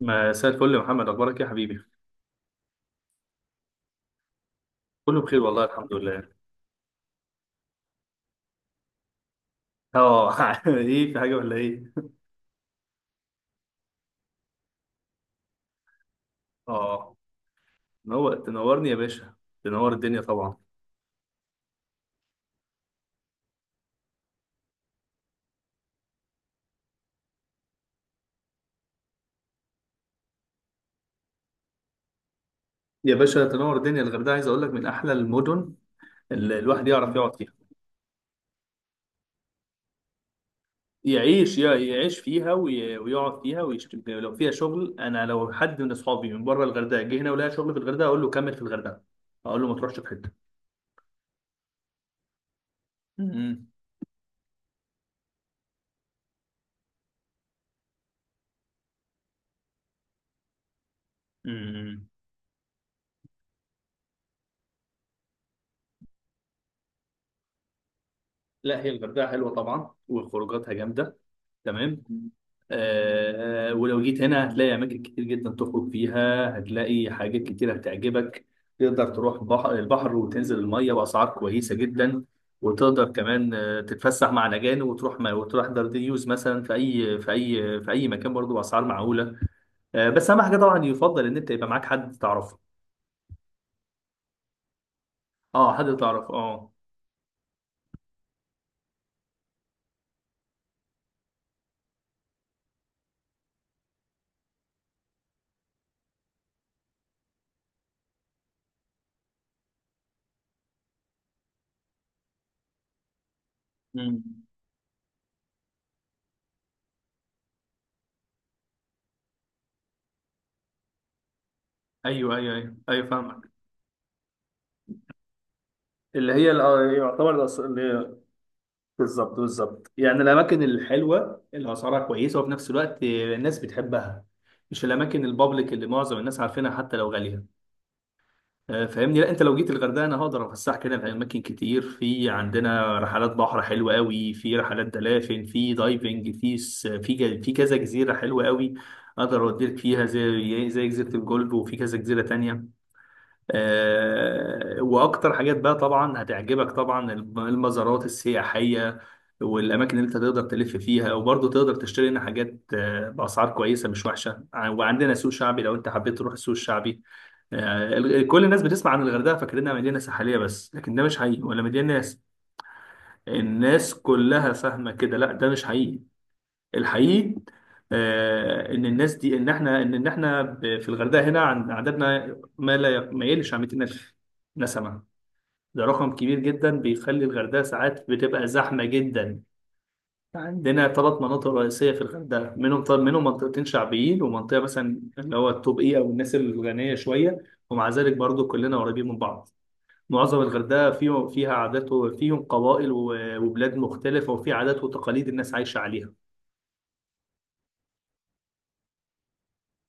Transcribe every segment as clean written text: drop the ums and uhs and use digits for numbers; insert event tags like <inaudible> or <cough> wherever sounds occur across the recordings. مساء الفل يا محمد، اخبارك إيه يا حبيبي؟ كله بخير والله، الحمد لله. اه، <laughs> ايه؟ في حاجه ولا ايه؟ اه، نور تنورني يا باشا. تنور الدنيا طبعا. يا باشا تنور الدنيا. الغردقه عايز اقول لك من احلى المدن اللي الواحد يعرف يقعد فيها. يعيش يعيش فيها ويقعد فيها، لو فيها شغل. انا لو حد من اصحابي من بره الغردقه جه هنا ولقى شغل في الغردقه اقول له كمل في الغردقه. اقول له ما تروحش في حته. امم. أمم. لا، هي الغردقه حلوه طبعا وخروجاتها جامده. تمام. آه، ولو جيت هنا هتلاقي أماكن كتير جدا تخرج فيها، هتلاقي حاجات كتير هتعجبك. تقدر تروح بحر البحر وتنزل المية بأسعار كويسة جدا، وتقدر كمان تتفسح مع الأجانب، وتروح ما وتروح دارديوز مثلا في أي مكان برضه بأسعار معقولة. بس أهم حاجة طبعا يفضل إن أنت يبقى معاك حد تعرفه. أه، حد تعرفه. أه. مم. ايوه، ايوه، ايوه، ايوه، فاهمك. يعتبر، بالظبط بالظبط، يعني الاماكن الحلوه اللي اسعارها كويسه وفي نفس الوقت الناس بتحبها، مش الاماكن البابليك اللي معظم الناس عارفينها حتى لو غاليه. فاهمني، لا انت لو جيت الغردقه انا هقدر افسحك هنا في اماكن كتير. في عندنا رحلات بحر حلوه قوي، في رحلات دلافين، في دايفنج، في س- في ج- في كذا جزيره حلوه قوي. اقدر اوديك فيها زي جزيره الجولف، وفي كذا جزيره تانية. واكتر حاجات بقى طبعا هتعجبك، طبعا المزارات السياحيه والاماكن اللي انت تقدر تلف فيها، وبرضه تقدر تشتري هنا حاجات باسعار كويسه مش وحشه. وعندنا سوق شعبي لو انت حبيت تروح السوق الشعبي. كل الناس بتسمع عن الغردقه فاكرينها مدينه ساحليه بس، لكن ده مش حقيقي ولا مدينه ناس. الناس كلها فاهمه كده، لا ده مش حقيقي. الحقيقي آه، ان الناس دي ان احنا في الغردقه هنا عددنا ما لا ي- ما يقلش عن 200000 نسمه. ده رقم كبير جدا بيخلي الغردقه ساعات بتبقى زحمه جدا. عندنا 3 مناطق رئيسيه في الغردقه، منهم طب منهم منطقتين شعبيين، ومنطقه مثلا اللي هو التوب اي او الناس الغنيه شويه، ومع ذلك برضو كلنا قريبين من بعض. معظم الغردقه فيها عادات، وفيهم قبائل وبلاد مختلفه، وفي عادات وتقاليد الناس عايشه عليها.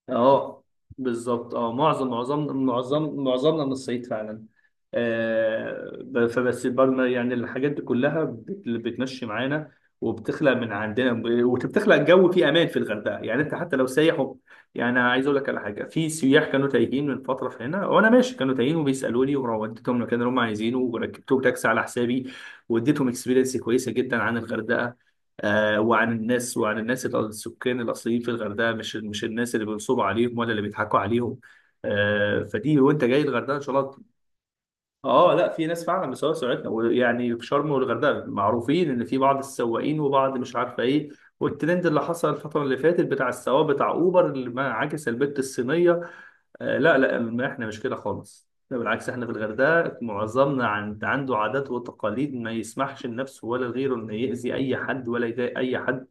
اه، بالظبط. معظمنا من الصعيد فعلا. فبس برضه يعني الحاجات دي كلها بتمشي معانا، وبتخلق من عندنا، وبتخلق جو فيه امان في الغردقه. يعني انت حتى لو سايح يعني أنا عايز اقول لك على حاجه. في سياح كانوا تايهين من فتره في هنا، وانا ماشي كانوا تايهين وبيسالوني، ووديتهم المكان اللي هم عايزينه وركبتهم تاكسي على حسابي، واديتهم اكسبيرينس كويسه جدا عن الغردقه، وعن الناس، السكان الاصليين في الغردقه، مش الناس اللي بينصبوا عليهم ولا اللي بيضحكوا عليهم. فدي وانت جاي الغردقه ان شاء الله. اه، لا في ناس فعلا بيسوقوا سرعتنا، ويعني في شرم والغردقه معروفين ان في بعض السواقين وبعض مش عارفه ايه، والترند اللي حصل الفتره اللي فاتت بتاع السواق بتاع اوبر اللي ما عكس البت الصينيه. لا لا، ما احنا مش كده خالص، لا بالعكس، احنا في الغردقه معظمنا عنده عادات وتقاليد ما يسمحش لنفسه ولا لغيره انه يأذي اي حد ولا يضايق اي حد.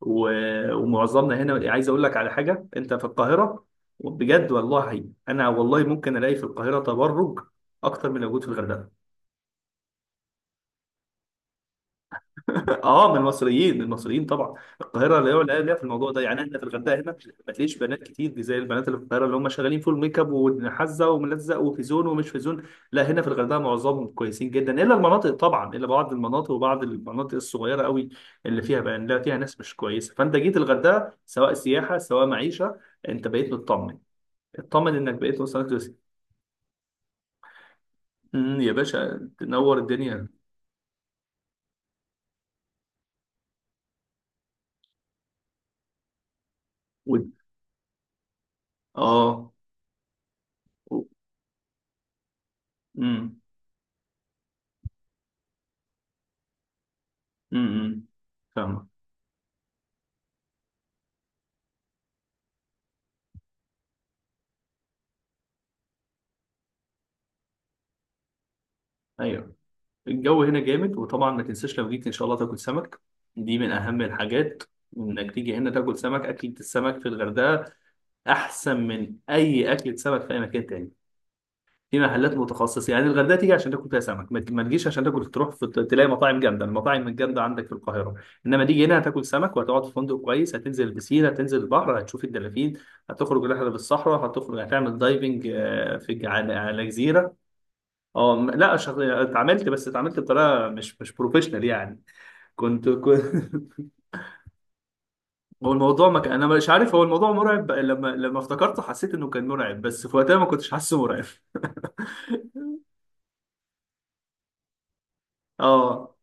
ومعظمنا هنا. عايز اقول لك على حاجه، انت في القاهره بجد والله، انا والله ممكن الاقي في القاهره تبرج اكتر من اللي موجود في الغردقه. <laughs> اه، من المصريين، من المصريين طبعا. القاهره اللي هو لا ليها في الموضوع ده، يعني احنا في الغردقه هنا ما تلاقيش بنات كتير دي زي البنات اللي في القاهره اللي هم شغالين فول ميك اب وحزه وملزق وفي زون ومش في زون. لا هنا في الغردقه معظمهم كويسين جدا، الا المناطق طبعا، الا بعض المناطق، وبعض المناطق الصغيره قوي اللي فيها بقى، يعني لا فيها ناس مش كويسه. فانت جيت الغردقه سواء سياحه سواء معيشه، انت بقيت مطمن، اطمن انك بقيت وصلت. يا باشا تنور الدنيا. و- اه. و- امم. امم. أمم. فاهمك. ايوه. الجو هنا جامد، وطبعا ما تنساش لو جيت ان شاء الله تاكل سمك، دي من اهم الحاجات، انك تيجي هنا تاكل سمك. اكلة السمك في الغردقة احسن من اي اكلة سمك في اي مكان تاني. في محلات متخصصة، يعني الغردقة تيجي عشان تاكل فيها سمك، ما تجيش عشان تاكل تروح في تلاقي مطاعم جامدة، المطاعم الجامدة عندك في القاهرة. انما تيجي هنا هتاكل سمك، وهتقعد في فندق كويس، هتنزل البسين، هتنزل البحر، هتشوف الدلافين، هتخرج رحلة بالصحراء، هتخرج هتعمل دايفنج في على على جزيرة. اه، لا، اتعاملت، بس اتعاملت بطريقه مش بروفيشنال يعني. كنت <laughs> هو الموضوع ما كان، انا مش عارف، هو الموضوع مرعب، لما افتكرته حسيت انه كان مرعب، بس في وقتها ما كنتش حاسه مرعب. <laughs> اه،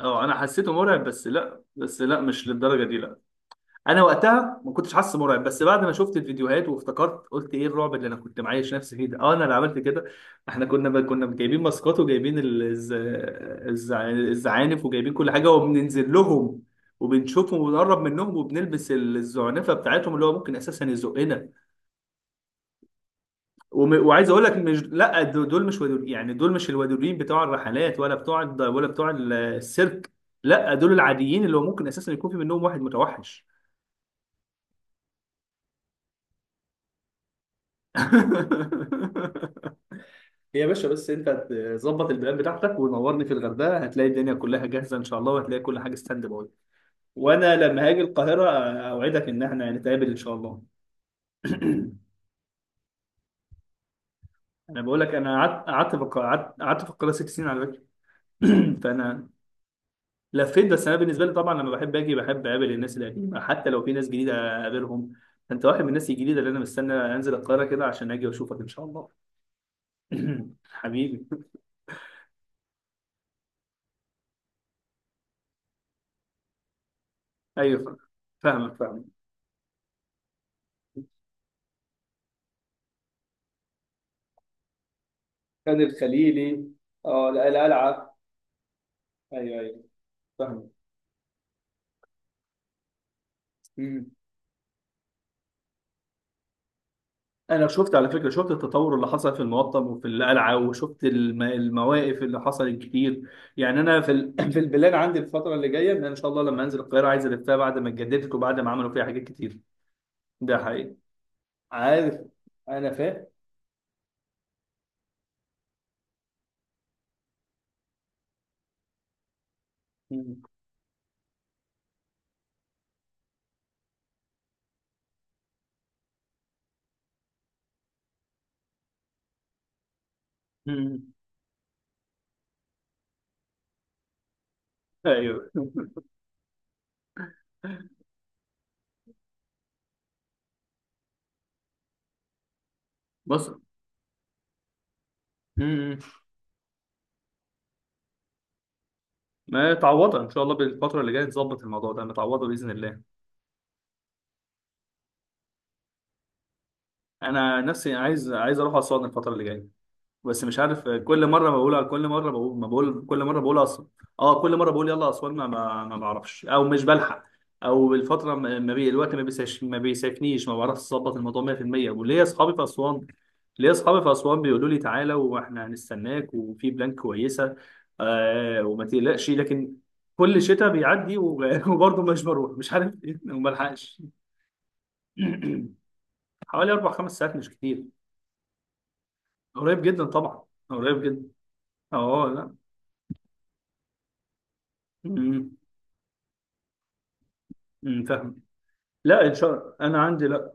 اه. انا حسيته مرعب، بس لا بس لا، مش للدرجه دي. انا وقتها ما كنتش حاسس مرعب، بس بعد ما شفت الفيديوهات وافتكرت، قلت ايه الرعب اللي انا كنت معايش نفسي فيه ده. اه، انا اللي عملت كده. احنا كنا كنا جايبين ماسكات، وجايبين الزعانف، وجايبين كل حاجه وبننزل لهم، وبنشوفهم وبنقرب منهم، وبنلبس الزعنفه بتاعتهم اللي هو ممكن اساسا يزقنا. وعايز اقول لك، مش لا دول، مش ودور، يعني دول مش الودورين بتوع الرحلات، ولا بتوع ولا بتوع السيرك. لا دول العاديين اللي هو ممكن اساسا يكون في منهم واحد متوحش. <laughs> يا باشا، بس انت تظبط البلان بتاعتك ونورني، في الغردقه هتلاقي الدنيا كلها جاهزه ان شاء الله، وهتلاقي كل حاجه ستاند باي. وانا لما هاجي القاهره اوعدك ان احنا نتقابل ان شاء الله. <clears throat> انا بقول لك، انا قعدت في القاهره 6 سنين على فكره. <clears throat> فانا لفيت، بس انا بالنسبه لي طبعا لما بحب اجي بحب اقابل الناس القديمه حتى لو في ناس جديده اقابلهم. انت واحد من الناس الجديده اللي انا مستني انزل القاهره كده عشان اجي واشوفك ان شاء الله. <clears throat> حبيبي. ايوه، فاهمك فاهمك. خان الخليلي. اه، القلعه. ايوه، ايوه، فاهم. مم. انا شفت على فكره، شفت التطور اللي حصل في المقطم وفي القلعه، وشفت المواقف اللي حصلت كتير. يعني انا في <clears throat> في البلاد عندي الفتره اللي جايه، ان انا ان شاء الله لما انزل القاهره عايز الفها بعد ما اتجددت وبعد ما عملوا فيها حاجات كتير. ده حقيقي. عارف. انا فاهم. مم. مم. ايوه. <laughs> بص. مم. ما تعوضها ان شاء الله، بالفتره اللي جايه تظبط الموضوع ده، متعوضه باذن الله. انا نفسي عايز، عايز اروح اسوان الفتره اللي جايه، بس مش عارف، كل مره بقولها، كل مره بقول ما بقول، كل مره بقول اصلا. اه، كل مره بقول يلا اسوان، ما بعرفش، او مش بلحق، او الفتره ما بي الوقت، ما بيساش، ما بيسافنيش، ما بعرفش اظبط الموضوع 100%. وليا اصحابي في اسوان، ليا اصحابي في اسوان بيقولوا لي تعالى واحنا هنستناك، وفي بلان كويسه، آه، وما تقلقش، لكن كل شتاء بيعدي <laughs> وبرضه مش بروح مش عارف ايه وما بلحقش. <clears throat> حوالي 4 5 ساعات، مش كتير. قريب جدا طبعا. قريب جدا. اه. لا. امم، فاهم. لا، ان شاء الله انا عندي. لا.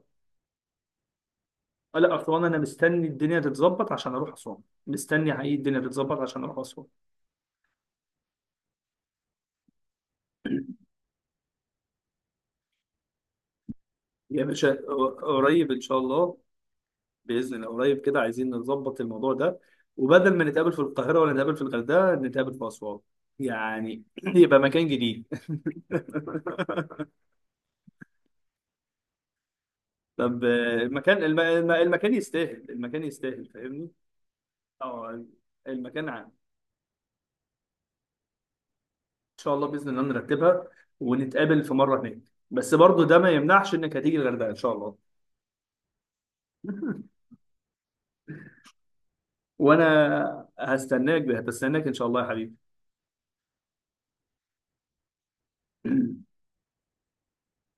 لا، اسوان انا مستني الدنيا تتظبط عشان اروح اسوان. مستني حقيقي الدنيا تتظبط عشان اروح اسوان. يا باشا، قريب ان شاء الله. باذن الله قريب كده، عايزين نظبط الموضوع ده، وبدل ما نتقابل في القاهره ولا نتقابل في الغردقه نتقابل في اسوان، يعني <clears throat> يبقى مكان جديد. <laughs> طب المكان المكان يستاهل، المكان يستاهل. فاهمني. اه، المكان. شاء الله باذن الله نرتبها، ونتقابل في مره هناك، بس برضو ده ما يمنعش انك هتيجي الغردقه ان شاء الله. <laughs> وانا هستناك، هتستناك ان شاء الله يا حبيبي. <clears throat>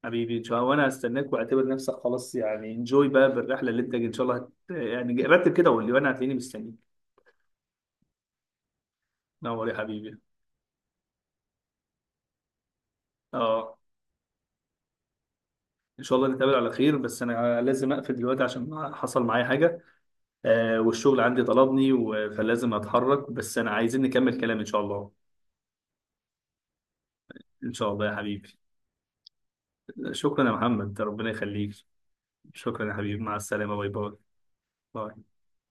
حبيبي ان شاء الله، وانا هستناك. واعتبر نفسك خلاص، يعني انجوي بقى بالرحله، اللي انت ان شاء الله يعني رتب كده وقول لي وانا هتلاقيني مستنيك. نور يا حبيبي. اه، ان شاء الله نتقابل على خير، بس انا لازم اقفل دلوقتي عشان حصل معايا حاجه. آه، والشغل عندي طلبني فلازم اتحرك، بس انا عايزين نكمل كلام ان شاء الله. ان شاء الله يا حبيبي. شكرا يا محمد، ربنا يخليك. شكرا يا حبيبي، مع السلامة، باي باي. باي.